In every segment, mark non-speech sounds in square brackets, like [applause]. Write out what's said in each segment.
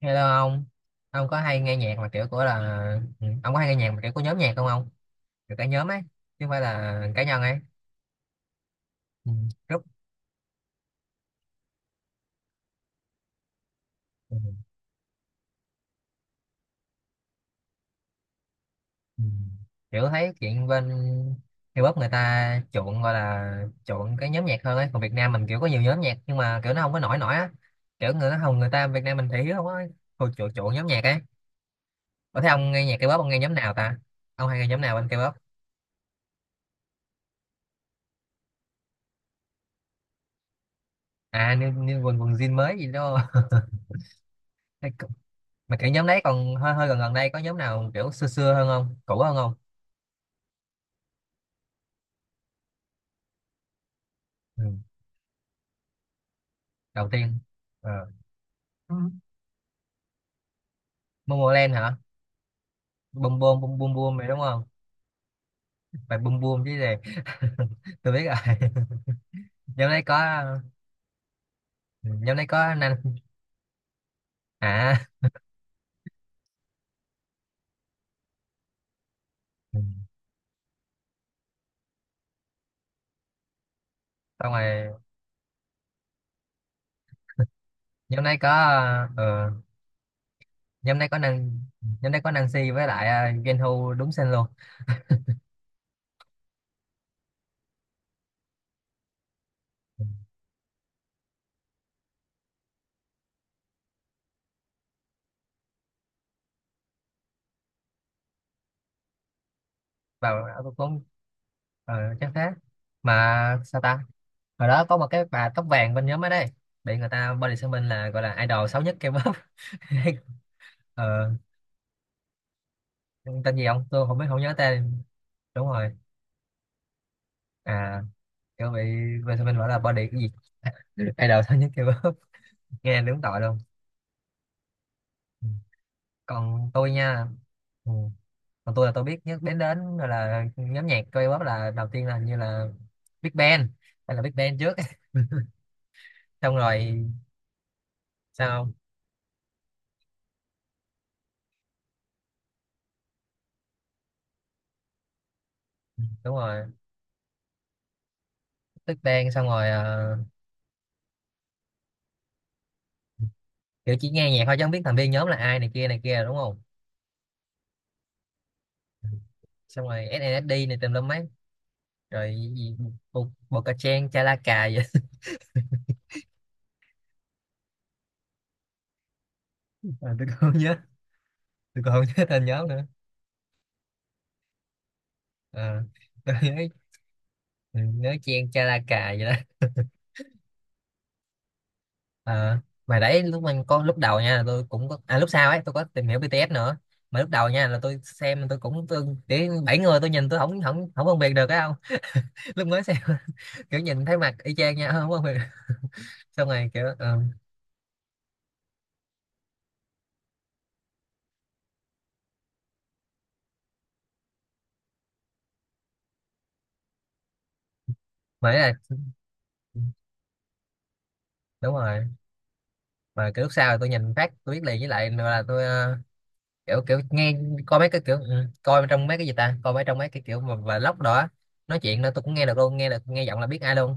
Hello ông có hay nghe nhạc mà kiểu của là ông có hay nghe nhạc mà kiểu của nhóm nhạc không ông? Kiểu cả nhóm ấy, chứ không phải là cá nhân ấy. Ừ. Group. Ừ. Ừ. Kiểu thấy chuyện bên K-pop người ta chuộng gọi là chuộng cái nhóm nhạc hơn ấy, còn Việt Nam mình kiểu có nhiều nhóm nhạc nhưng mà kiểu nó không có nổi nổi á. Kiểu người nó không người ta Việt Nam mình thì hiếu không á, hồi chuộng chuộng nhóm nhạc ấy. Có thấy ông nghe nhạc K-pop ông nghe nhóm nào ta? Ông hay nghe nhóm nào bên K-pop? À, như quần quần jean mới gì đó. [laughs] Mà cái nhóm đấy còn hơi hơi gần gần đây, có nhóm nào kiểu xưa xưa hơn không, cũ hơn không? Ừ. Đầu tiên. Ờ. Ừ. Momoland hả? Bum bum bum bum bum này đúng không, phải bum bum chứ gì? [laughs] Tôi biết rồi. [laughs] nhóm đấy có nhóm đấy có năng. À. Ừ. Xong rồi nhóm đấy có ờ, nhóm đấy có năng, nhóm đấy có Nancy với lại Genhu đúng tên luôn. Vào ờ, cũng ờ, chắc thế. Mà sao ta, hồi đó có một cái bà tóc vàng bên nhóm ở đây bị người ta body shaming, là gọi là idol xấu nhất K-pop. [laughs] Ờ, tên gì không tôi không biết, không nhớ tên. Đúng rồi. À, kiểu bị body shaming, gọi là body cái gì. [laughs] Idol xấu nhất K-pop. [laughs] Nghe đúng tội luôn. Ừ. Còn tôi nha. Ừ. Còn tôi là tôi biết nhất đến đến gọi là nhóm nhạc K-pop là đầu tiên là hình như là Big Bang, hay là Big Bang trước. [laughs] Xong rồi sao không? Đúng rồi, Big Bang. Xong rồi ờ, kiểu chỉ nghe nhạc thôi chứ không biết thành viên nhóm là ai này kia đúng không. Xong rồi SNSD này tùm lum mấy rồi gì, bộ, bộ cà chen cha la cà vậy. [laughs] À, tôi còn không nhớ, tôi còn không nhớ tên nhóm nữa. Ờ, tôi nhớ ừ, nhớ chen cha la cà vậy đó. Ờ, mà đấy lúc mình có lúc đầu nha là tôi cũng có, à lúc sau ấy tôi có tìm hiểu BTS nữa, mà lúc đầu nha là tôi xem tôi cũng tôi để 7 người tôi nhìn tôi không không không phân biệt được á, không. [laughs] Lúc mới xem [laughs] kiểu nhìn thấy mặt y chang nha. [laughs] Không phân biệt được. Xong rồi kiểu mà ấy là ừ, đúng rồi. Mà cái lúc sau thì tôi nhìn phát tôi biết liền, với lại là tôi ờ, kiểu kiểu nghe, coi mấy cái kiểu ừ, coi trong mấy cái gì ta, coi mấy trong mấy cái kiểu mà vlog đó á, nói chuyện đó tôi cũng nghe được luôn, nghe được nghe giọng là biết ai luôn.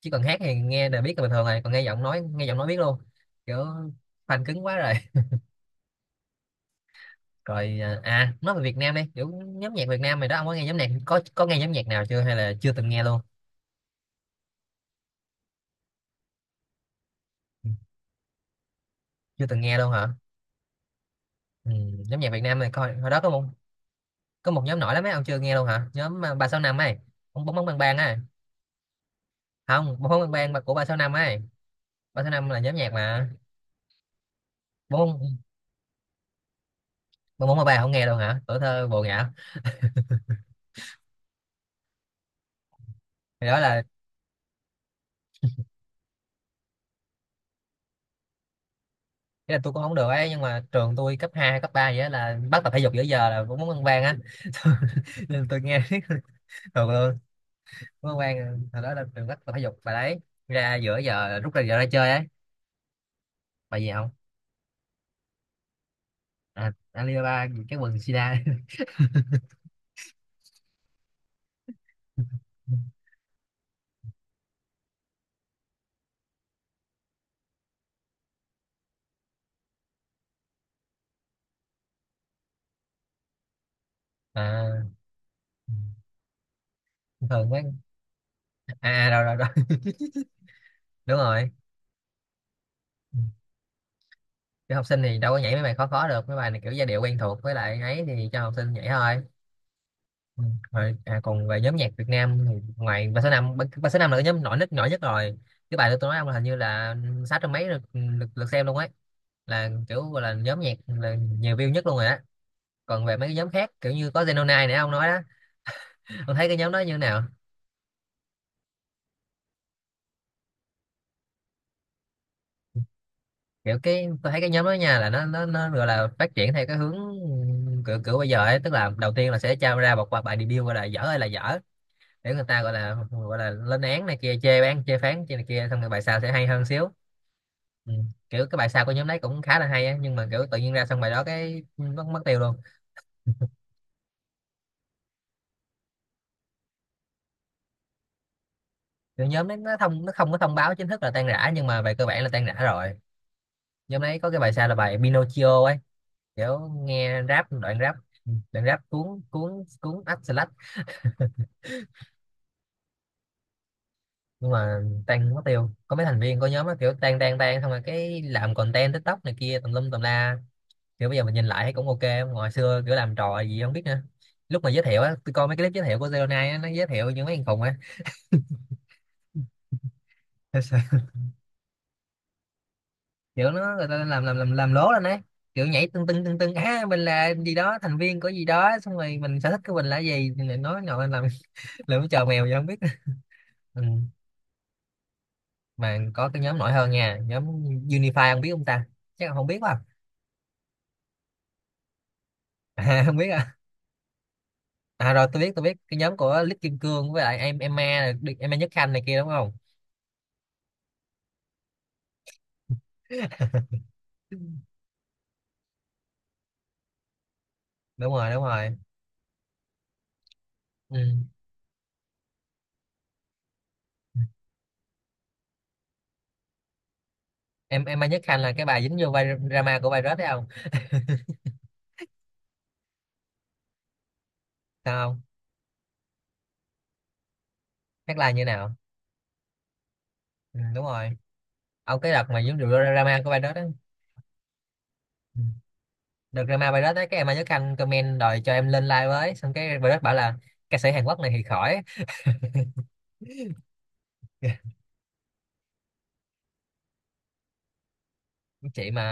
Chứ còn hát thì nghe là biết là bình thường rồi, còn nghe giọng nói, nghe giọng nói biết luôn. Kiểu fan cứng quá rồi. [laughs] Rồi à à, nói về Việt Nam đi, kiểu nhóm nhạc Việt Nam mày đó, ông có nghe nhóm nhạc, có nghe nhóm nhạc nào chưa hay là chưa từng nghe luôn? Ừ, chưa từng nghe luôn hả? Ừ, nhóm nhạc Việt Nam này coi hồi đó có một, có một nhóm nổi lắm ấy, ông chưa nghe luôn hả, nhóm à, ba sáu năm ấy, ông bóng bóng bang bang ấy. Không, bóng bóng bang bang mà của ba sáu năm ấy, ba sáu năm là nhóm nhạc mà. Bốn bốn bốn ba không nghe đâu hả, tuổi thơ bồ ngã. Thì đó là, cái là tôi cũng không được ấy, nhưng mà trường tôi cấp 2 cấp 3 vậy á là bắt tập thể dục giữa giờ là bốn môn ăn vang á. [laughs] Nên tôi nghe [laughs] thường luôn. Bốn môn ăn vang hồi đó là trường bắt tập thể dục bài đấy, ra giữa giờ là rút ra giờ ra chơi ấy. Bài gì không? À, Alibaba cái quần sida. [laughs] À, thường mấy, à rồi rồi rồi. [laughs] Đúng rồi. Cái học sinh thì đâu có nhảy mấy bài khó khó được, mấy bài này kiểu giai điệu quen thuộc với lại ấy thì cho học sinh nhảy thôi. Ừ. Rồi, à, còn về nhóm nhạc Việt Nam thì ngoài ba số năm, ba ba số năm là cái nhóm nổi nhất, nổi nhất rồi. Cái bài đó tôi nói ông là hình như là 600 mấy lượt, lượt, lượt xem luôn ấy. Là kiểu gọi là nhóm nhạc là nhiều view nhất luôn rồi á. Còn về mấy cái nhóm khác kiểu như có Zenonai nãy ông nói đó, ông thấy cái nhóm đó như thế nào? Kiểu cái tôi thấy cái nhóm đó nha là nó gọi là phát triển theo cái hướng kiểu kiểu bây giờ ấy, tức là đầu tiên là sẽ trao ra một bài, bài debut gọi là dở, hay là dở, để người ta gọi là, gọi là lên án này kia, chê bán chê phán chê này kia, xong rồi bài sau sẽ hay hơn xíu. Ừ. Kiểu cái bài sau của nhóm đấy cũng khá là hay á, nhưng mà kiểu tự nhiên ra xong bài đó cái mất mất tiêu luôn. Kiểu nhóm đấy nó thông, nó không có thông báo chính thức là tan rã nhưng mà về cơ bản là tan rã rồi. Nhóm đấy có cái bài sau là bài Pinocchio ấy, kiểu nghe rap đoạn rap. Ừ, đoạn rap cuốn cuốn cuốn ách slash. Nhưng mà tan mất tiêu, có mấy thành viên của nhóm đó kiểu tan tan tan xong rồi cái làm content TikTok này kia tùm lum tùm la. Kiểu bây giờ mình nhìn lại thấy cũng OK, hồi xưa kiểu làm trò gì không biết nữa. Lúc mà giới thiệu á, tôi coi mấy cái clip giới thiệu của Zero Nine á, nó giới thiệu những mấy thằng khùng á. [laughs] Kiểu nó người ta làm lố lên ấy, kiểu nhảy tưng tưng tưng tưng á, mình là gì đó, thành viên của gì đó, xong rồi mình sở thích của mình là gì thì lại nói nội làm. [laughs] Làm chờ mèo vậy không biết. [laughs] Ừ. Mà có cái nhóm nổi hơn nha, nhóm Unify không biết không ta, chắc là không biết quá. À, [laughs] không biết à. À rồi, tôi biết, tôi biết cái nhóm của Lít Kim Cương với lại em Emma này, đi- Emma Nhất Khanh này kia đúng không? [laughs] Đúng rồi, đúng rồi. Ừ. Em Emma Nhất Khanh là cái bà dính vô vai drama của virus đấy không? Sao không? Hát live như nào? Ừ, đúng rồi. Ông cái đợt mà giống rượu drama của Virus đó. Ừ. Đợt drama Virus đó cái em Nhớ Khanh comment đòi cho em lên live với, xong cái Virus bảo là ca sĩ Hàn Quốc này thì khỏi. [laughs] Chị mà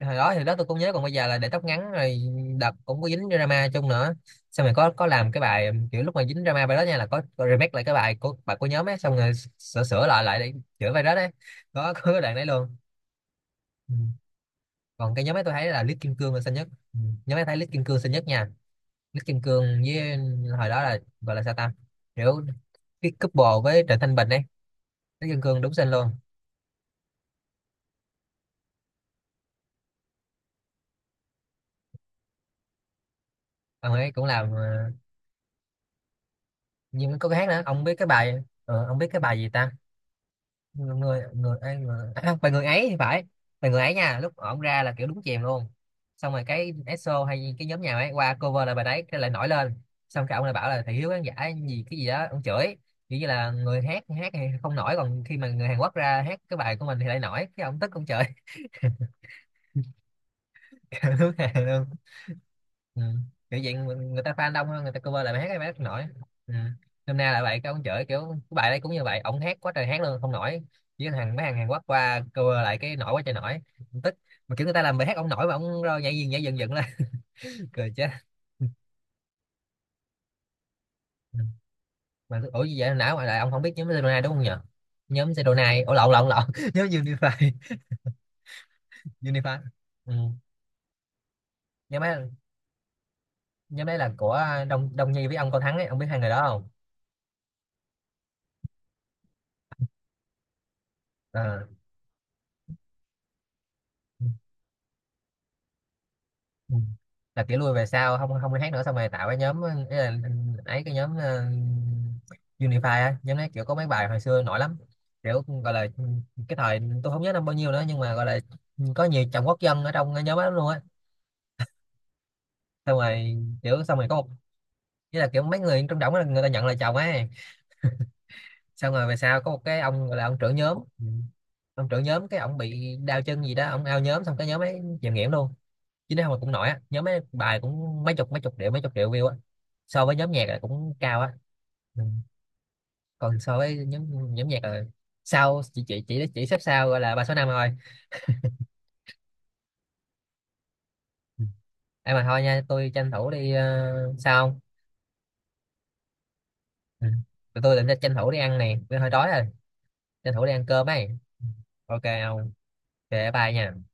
hồi đó thì đó tôi cũng nhớ, còn bây giờ là để tóc ngắn rồi. Đợt cũng có dính drama chung nữa, xong rồi có làm cái bài kiểu lúc mà dính drama Virus nha là có remake lại cái bài của, bài của nhóm ấy, xong rồi sửa sửa lại lại để chữa Virus đấy. Có cái đoạn đấy luôn. Ừ. Còn cái nhóm ấy tôi thấy là Lít Kim Cương là xinh nhất. Ừ. Nhóm ấy thấy Lít Kim Cương xinh nhất nha, Nước Kim Cương với hồi đó là gọi là sao ta, kiểu cái couple với Trịnh Thanh Bình ấy. Nước Kim Cương đúng xinh luôn. Ông ấy cũng làm ờ, nhưng có cái hát nữa, ông biết cái bài ờ, ông biết cái bài gì ta, người người người, ai- người à, không, bài Người Ấy thì phải. Bài Người Ấy nha, lúc ổng ra là kiểu đúng chèm luôn. Xong rồi cái ESO hay cái nhóm nhà ấy qua cover là bài đấy, cái lại nổi lên. Xong cái ông lại bảo là thị hiếu khán giả gì cái gì đó ông chửi. Kiểu như là người hát hát thì không nổi, còn khi mà người Hàn Quốc ra hát cái bài của mình thì lại nổi, cái ông tức ông chửi. [laughs] Kiểu đúng hàng luôn. Ừ. Kiểu dạng người, người ta fan đông hơn, người ta cover lại bài hát ấy, bài hát không nổi. Ừ. Hôm nay lại vậy cái ông chửi kiểu cái bài đấy cũng như vậy, ông hát quá trời hát luôn không nổi, chỉ có thằng, mấy thằng Hàn Quốc qua cover lại cái nổi quá trời nổi. Ông tức. Mà kiểu người ta làm bài hát ông nổi mà ông rơi nhảy dựng dựng lên. [laughs] Cười chết. Ừ. Mà ủa gì vậy, não mà lại ông không biết nhóm Sedona đúng không nhỉ? Nhóm Sedona, ủa lộn lộn lộn. [laughs] Nhóm Unify. [laughs] Unify. Ừ. Nhóm ấy, nhóm đấy là của Đông Đông Nhi với ông Cao Thắng ấy, ông biết hai người đó không? Ờ. Ừ. Ừ. Là kiểu lui về sau không không đi hát nữa xong rồi tạo cái nhóm ấy, là, ấy cái nhóm ờ, Unify á, nhóm đấy kiểu có mấy bài hồi xưa nổi lắm. Kiểu gọi là cái thời tôi không nhớ năm bao nhiêu nữa, nhưng mà gọi là có nhiều chồng quốc dân ở trong cái nhóm đó luôn á. Xong rồi kiểu xong rồi có một với là kiểu mấy người trong đảng đó, người ta nhận là chồng ấy. Xong rồi về sau có một cái ông gọi là ông trưởng nhóm. Ừ. Ông trưởng nhóm cái ông bị đau chân gì đó, ông ao nhóm xong cái nhóm ấy chìm nghỉm luôn. Chứ nếu không cũng nổi á, nhóm mấy bài cũng mấy chục triệu, mấy chục triệu view á. So với nhóm nhạc là cũng cao á. Ừ. Còn so với nhóm, nhóm nhạc là sau chỉ xếp sau gọi là ba số năm thôi. Ừ. Em mà thôi nha, tôi tranh thủ đi ờ, sao không? Ừ. Tụi tôi định tranh thủ đi ăn nè, tôi hơi đói rồi. Tranh thủ đi ăn cơm ấy. OK không? Về bye nha.